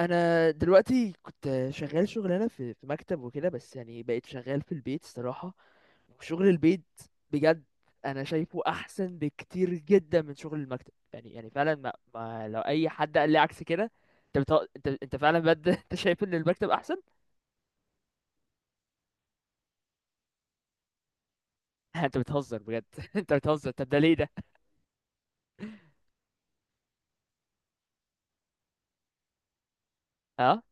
انا دلوقتي كنت شغال شغلانه في مكتب وكده، بس يعني بقيت شغال في البيت الصراحه، وشغل البيت بجد انا شايفه احسن بكتير جدا من شغل المكتب. يعني فعلا ما لو اي حد قال لي عكس كده. انت بتهزر، انت فعلا بجد؟ انت شايف ان المكتب احسن؟ انت بتهزر بجد انت بتهزر، طب ده ليه ده؟ اه.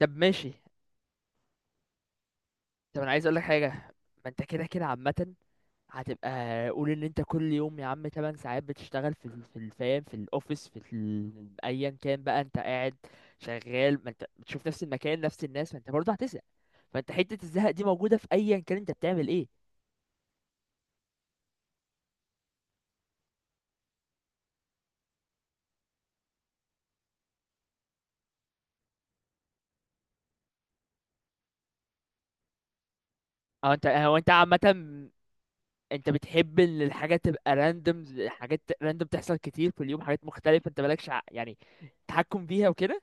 طب ماشي. طب انا عايز اقول لك حاجه. ما انت كده كده عامه هتبقى قول ان انت كل يوم يا عم 8 ساعات بتشتغل في الفام في الاوفيس ايا كان بقى انت قاعد شغال، ما انت بتشوف نفس المكان نفس الناس، ما انت برضه هتزهق. فانت حتة الزهق دي موجودة في ايا كان انت بتعمل ايه. او انت هو انت عامة. انت بتحب ان الحاجة تبقى راندوم، حاجات راندوم تحصل كتير في اليوم، حاجات مختلفة انت مالكش يعني تحكم فيها وكده.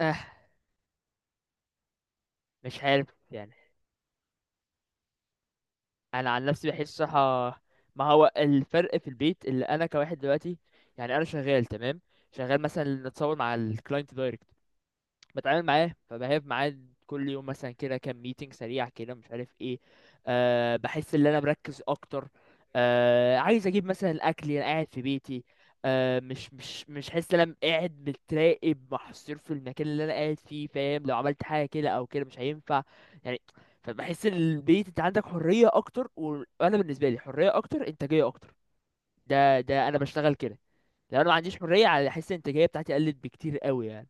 اه مش عارف يعني. انا عن نفسي بحس صراحه ما هو الفرق في البيت اللي انا كواحد دلوقتي. يعني انا شغال تمام، شغال مثلا نتصور مع الكلاينت دايركت، بتعامل معاه فبهاب معاه كل يوم مثلا، كده كام ميتنج سريع كده مش عارف ايه. أه بحس ان انا مركز اكتر. أه عايز اجيب مثلا الاكل انا قاعد في بيتي. أه مش حاسس ان انا قاعد متراقب محصور في المكان اللي انا قاعد فيه، فاهم؟ لو عملت حاجه كده او كده مش هينفع يعني. فبحس ان البيت انت عندك حريه اكتر، وانا بالنسبه لي حريه اكتر، انتاجيه اكتر. ده انا بشتغل كده. لو انا ما عنديش حريه على احس الانتاجيه بتاعتي قلت بكتير قوي يعني.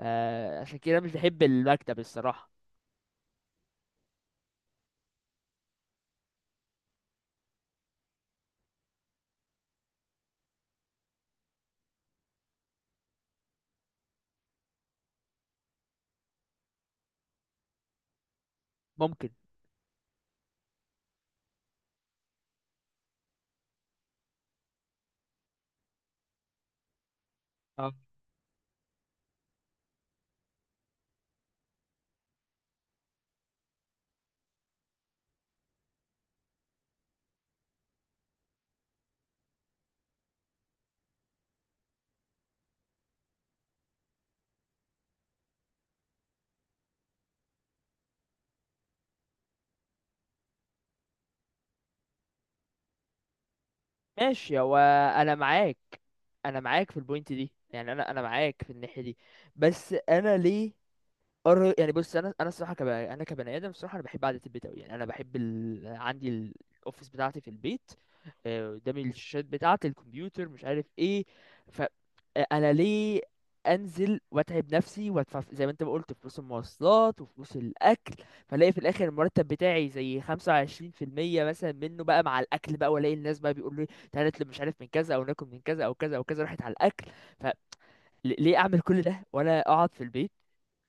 عشان كده مش بحب المكتب الصراحة. ممكن. اه ماشي هو. انا معاك انا معاك في البوينت دي. يعني انا معاك في الناحية دي. بس انا ليه؟ يعني بص، انا الصراحه انا كبني ادم الصراحه انا بحب قعده البيت قوي يعني. انا بحب عندي الاوفيس بتاعتي في البيت. قدامي الشاشات بتاعتي الكمبيوتر مش عارف ايه. ف انا ليه انزل واتعب نفسي وادفع زي ما انت ما قلت فلوس المواصلات وفلوس الاكل، فلاقي في الاخر المرتب بتاعي زي 25% مثلا منه بقى مع الاكل بقى، والاقي الناس بقى بيقولوا لي تعالى نطلب مش عارف من كذا، او ناكل من كذا او كذا او كذا، راحت على الاكل. ليه اعمل كل ده وانا اقعد في البيت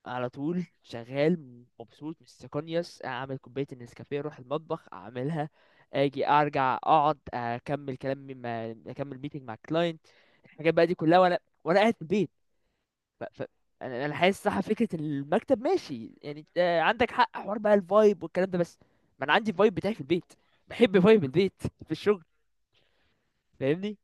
على طول شغال مبسوط مستقنيس، اعمل كوبايه النسكافيه اروح المطبخ اعملها، اجي ارجع اقعد اكمل كلامي مع اكمل ميتنج مع الكلاينت. الحاجات بقى دي كلها وانا وانا قاعد في البيت. ف... ف... انا حاسس صح فكره المكتب ماشي يعني، انت عندك حق حوار بقى الفايب والكلام ده، بس ما انا عندي الفايب بتاعي في البيت، بحب فايب البيت في الشغل. فاهمني؟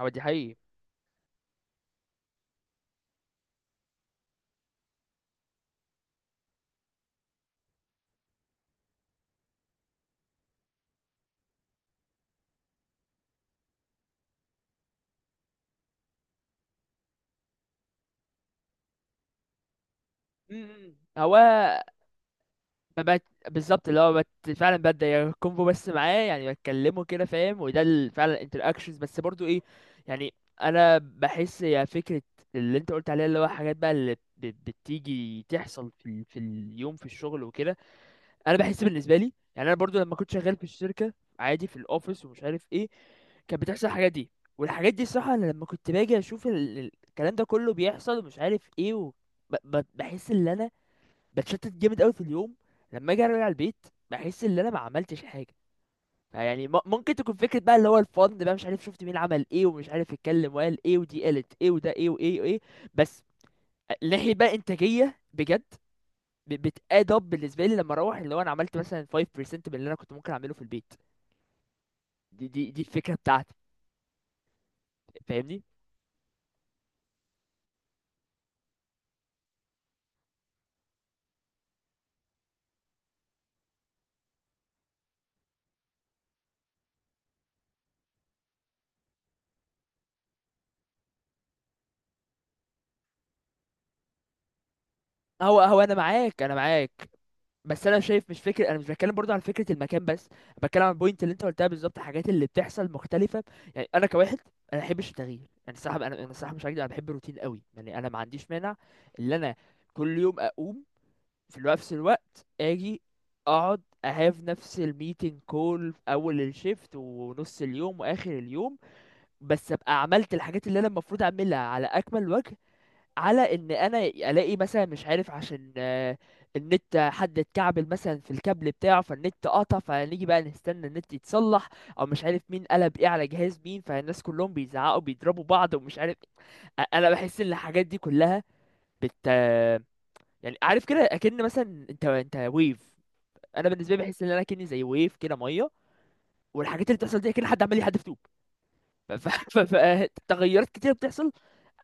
هو دي حقيقي. م- م. هو ما بقت بالظبط اللي هو فعلا ببدأ كونفو بس معاه يعني، بتكلمه كده فاهم، وده فعلا انتراكشنز بس برضو ايه يعني. انا بحس يا فكرة اللي انت قلت عليها اللي هو حاجات بقى اللي بتيجي تحصل في في اليوم في الشغل وكده. انا بحس بالنسبة لي يعني انا برضو لما كنت شغال في الشركة عادي في الاوفيس ومش عارف ايه، كانت بتحصل الحاجات دي. والحاجات دي الصراحة انا لما كنت باجي اشوف الكلام ده كله بيحصل ومش عارف ايه بحس ان انا بتشتت جامد قوي في اليوم. لما اجي ارجع البيت بحس ان انا ما عملتش حاجه يعني. ممكن تكون فكره بقى اللي هو الفن بقى، مش عارف شفت مين عمل ايه ومش عارف اتكلم وقال ايه ودي قالت ايه وده ايه وايه وايه. بس ناحيه بقى انتاجيه بجد بتاد اب بالنسبه لي لما اروح اللي هو انا عملت مثلا 5% من اللي انا كنت ممكن اعمله في البيت. دي الفكره بتاعتي. فاهمني؟ هو انا معاك، انا معاك. بس انا شايف مش فكره، انا مش بتكلم برضه عن فكره المكان بس، بتكلم عن البوينت اللي انت قلتها بالظبط، الحاجات اللي بتحصل مختلفه. يعني انا كواحد انا ما بحبش التغيير. يعني الصراحه انا الصراحه مش هكدب، انا بحب الروتين قوي يعني. انا ما عنديش مانع ان انا كل يوم اقوم في الوقت نفس الوقت، اجي اقعد اهاف نفس الميتنج كول في اول الشيفت ونص اليوم واخر اليوم، بس ابقى عملت الحاجات اللي انا المفروض اعملها على اكمل وجه. على ان انا الاقي مثلا مش عارف عشان النت حد اتكعبل مثلا في الكابل بتاعه فالنت قطع فنيجي بقى نستنى النت يتصلح، او مش عارف مين قلب ايه على جهاز مين فالناس كلهم بيزعقوا بيضربوا بعض ومش عارف. انا بحس ان الحاجات دي كلها بت آه، يعني عارف كده اكن مثلا انت ويف، انا بالنسبه لي بحس ان انا كني زي ويف كده ميه، والحاجات اللي بتحصل دي كده حد عمال يحدف طوب. فتغيرات كتير بتحصل.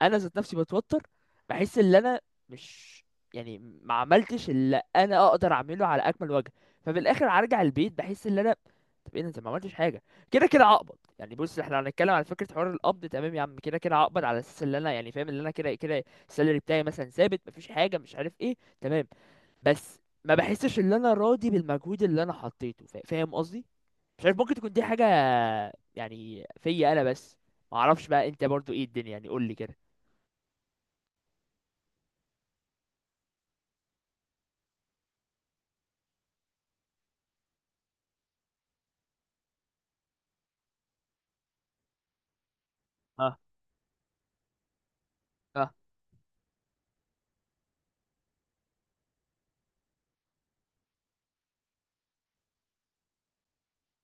انا ذات نفسي بتوتر، بحس ان انا مش يعني ما عملتش اللي انا اقدر اعمله على اكمل وجه. ففي الاخر هرجع البيت بحس ان انا، طب ايه ده انت ما عملتش حاجه؟ كده كده هقبض يعني. بص احنا هنتكلم على فكره حوار القبض، تمام يا عم كده كده هقبض على اساس ان انا يعني فاهم ان انا كده كده السالري بتاعي مثلا ثابت مفيش حاجه مش عارف ايه، تمام. بس ما بحسش ان انا راضي بالمجهود اللي انا حطيته، فاهم قصدي؟ مش عارف ممكن تكون دي حاجه يعني فيا انا بس. ما اعرفش بقى انت برضو ايه الدنيا، يعني قول لي كده. اه.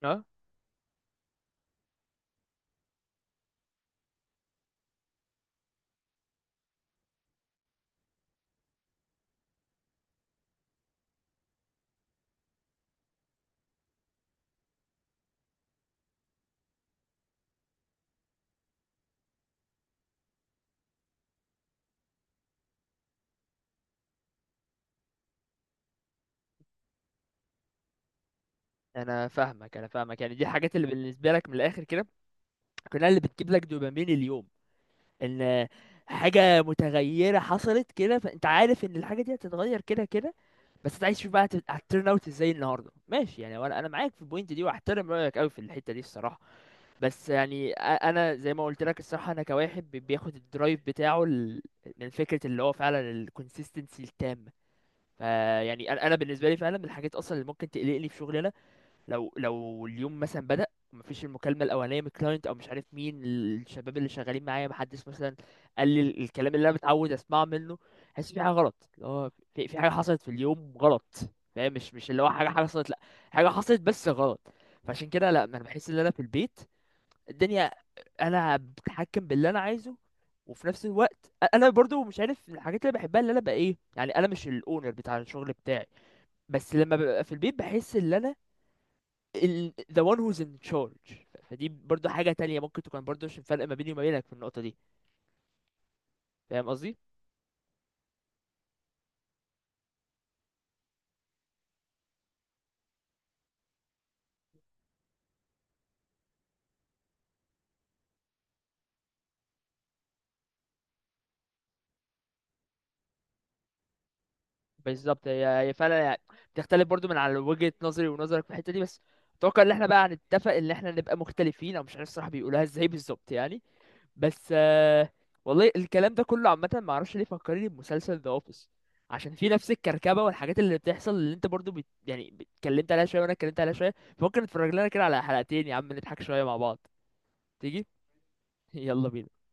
اه، انا فاهمك يعني، دي الحاجات اللي بالنسبه لك من الاخر كده كلها اللي بتجيب لك دوبامين اليوم. ان حاجه متغيره حصلت كده، فانت عارف ان الحاجه دي هتتغير كده كده، بس انت عايز تشوف بقى هتترن اوت ازاي النهارده ماشي يعني. وانا معاك في البوينت دي، واحترم رايك قوي في الحته دي الصراحه. بس يعني انا زي ما قلت لك الصراحه انا كواحد بياخد الدرايف بتاعه من فكره اللي هو فعلا الكونسيستنسي التامه. فيعني انا بالنسبه لي فعلا من الحاجات اصلا اللي ممكن تقلقني في شغلي، لو اليوم مثلا بدأ ومفيش المكالمة الأولانية من الكلاينت أو مش عارف مين الشباب اللي شغالين معايا، محدش مثلا قال لي الكلام اللي أنا متعود أسمعه منه، حاسس في حاجة غلط، اللي هو في حاجة حصلت في اليوم غلط. فاهم؟ مش اللي هو حاجة حصلت لأ، حاجة حصلت بس غلط. فعشان كده لأ، ما أنا بحس إن أنا في البيت الدنيا أنا بتحكم باللي أنا عايزه. وفي نفس الوقت انا برضو مش عارف، من الحاجات اللي بحبها اللي انا بقى ايه يعني، انا مش الاونر بتاع الشغل بتاعي، بس لما ببقى في البيت بحس ان انا the one who's in charge. فدي برضو حاجة تانية ممكن تكون برضو عشان فرق ما بيني وما بينك في النقطة دي. فاهم قصدي؟ بالظبط، هي فعلا يعني بتختلف برضو من على وجهة نظري ونظرك في الحتة دي. بس اتوقع ان احنا بقى هنتفق ان احنا نبقى مختلفين، او مش عارف الصراحة بيقولوها ازاي بالظبط يعني. بس والله الكلام ده كله عامة ما اعرفش ليه فكرني بمسلسل ذا اوفيس. عشان في نفس الكركبة والحاجات اللي بتحصل اللي انت برضو يعني اتكلمت عليها شوية وانا اتكلمت عليها شوية. فممكن نتفرج لنا كده على حلقتين يا عم نضحك شوية مع بعض. تيجي؟ يلا بينا.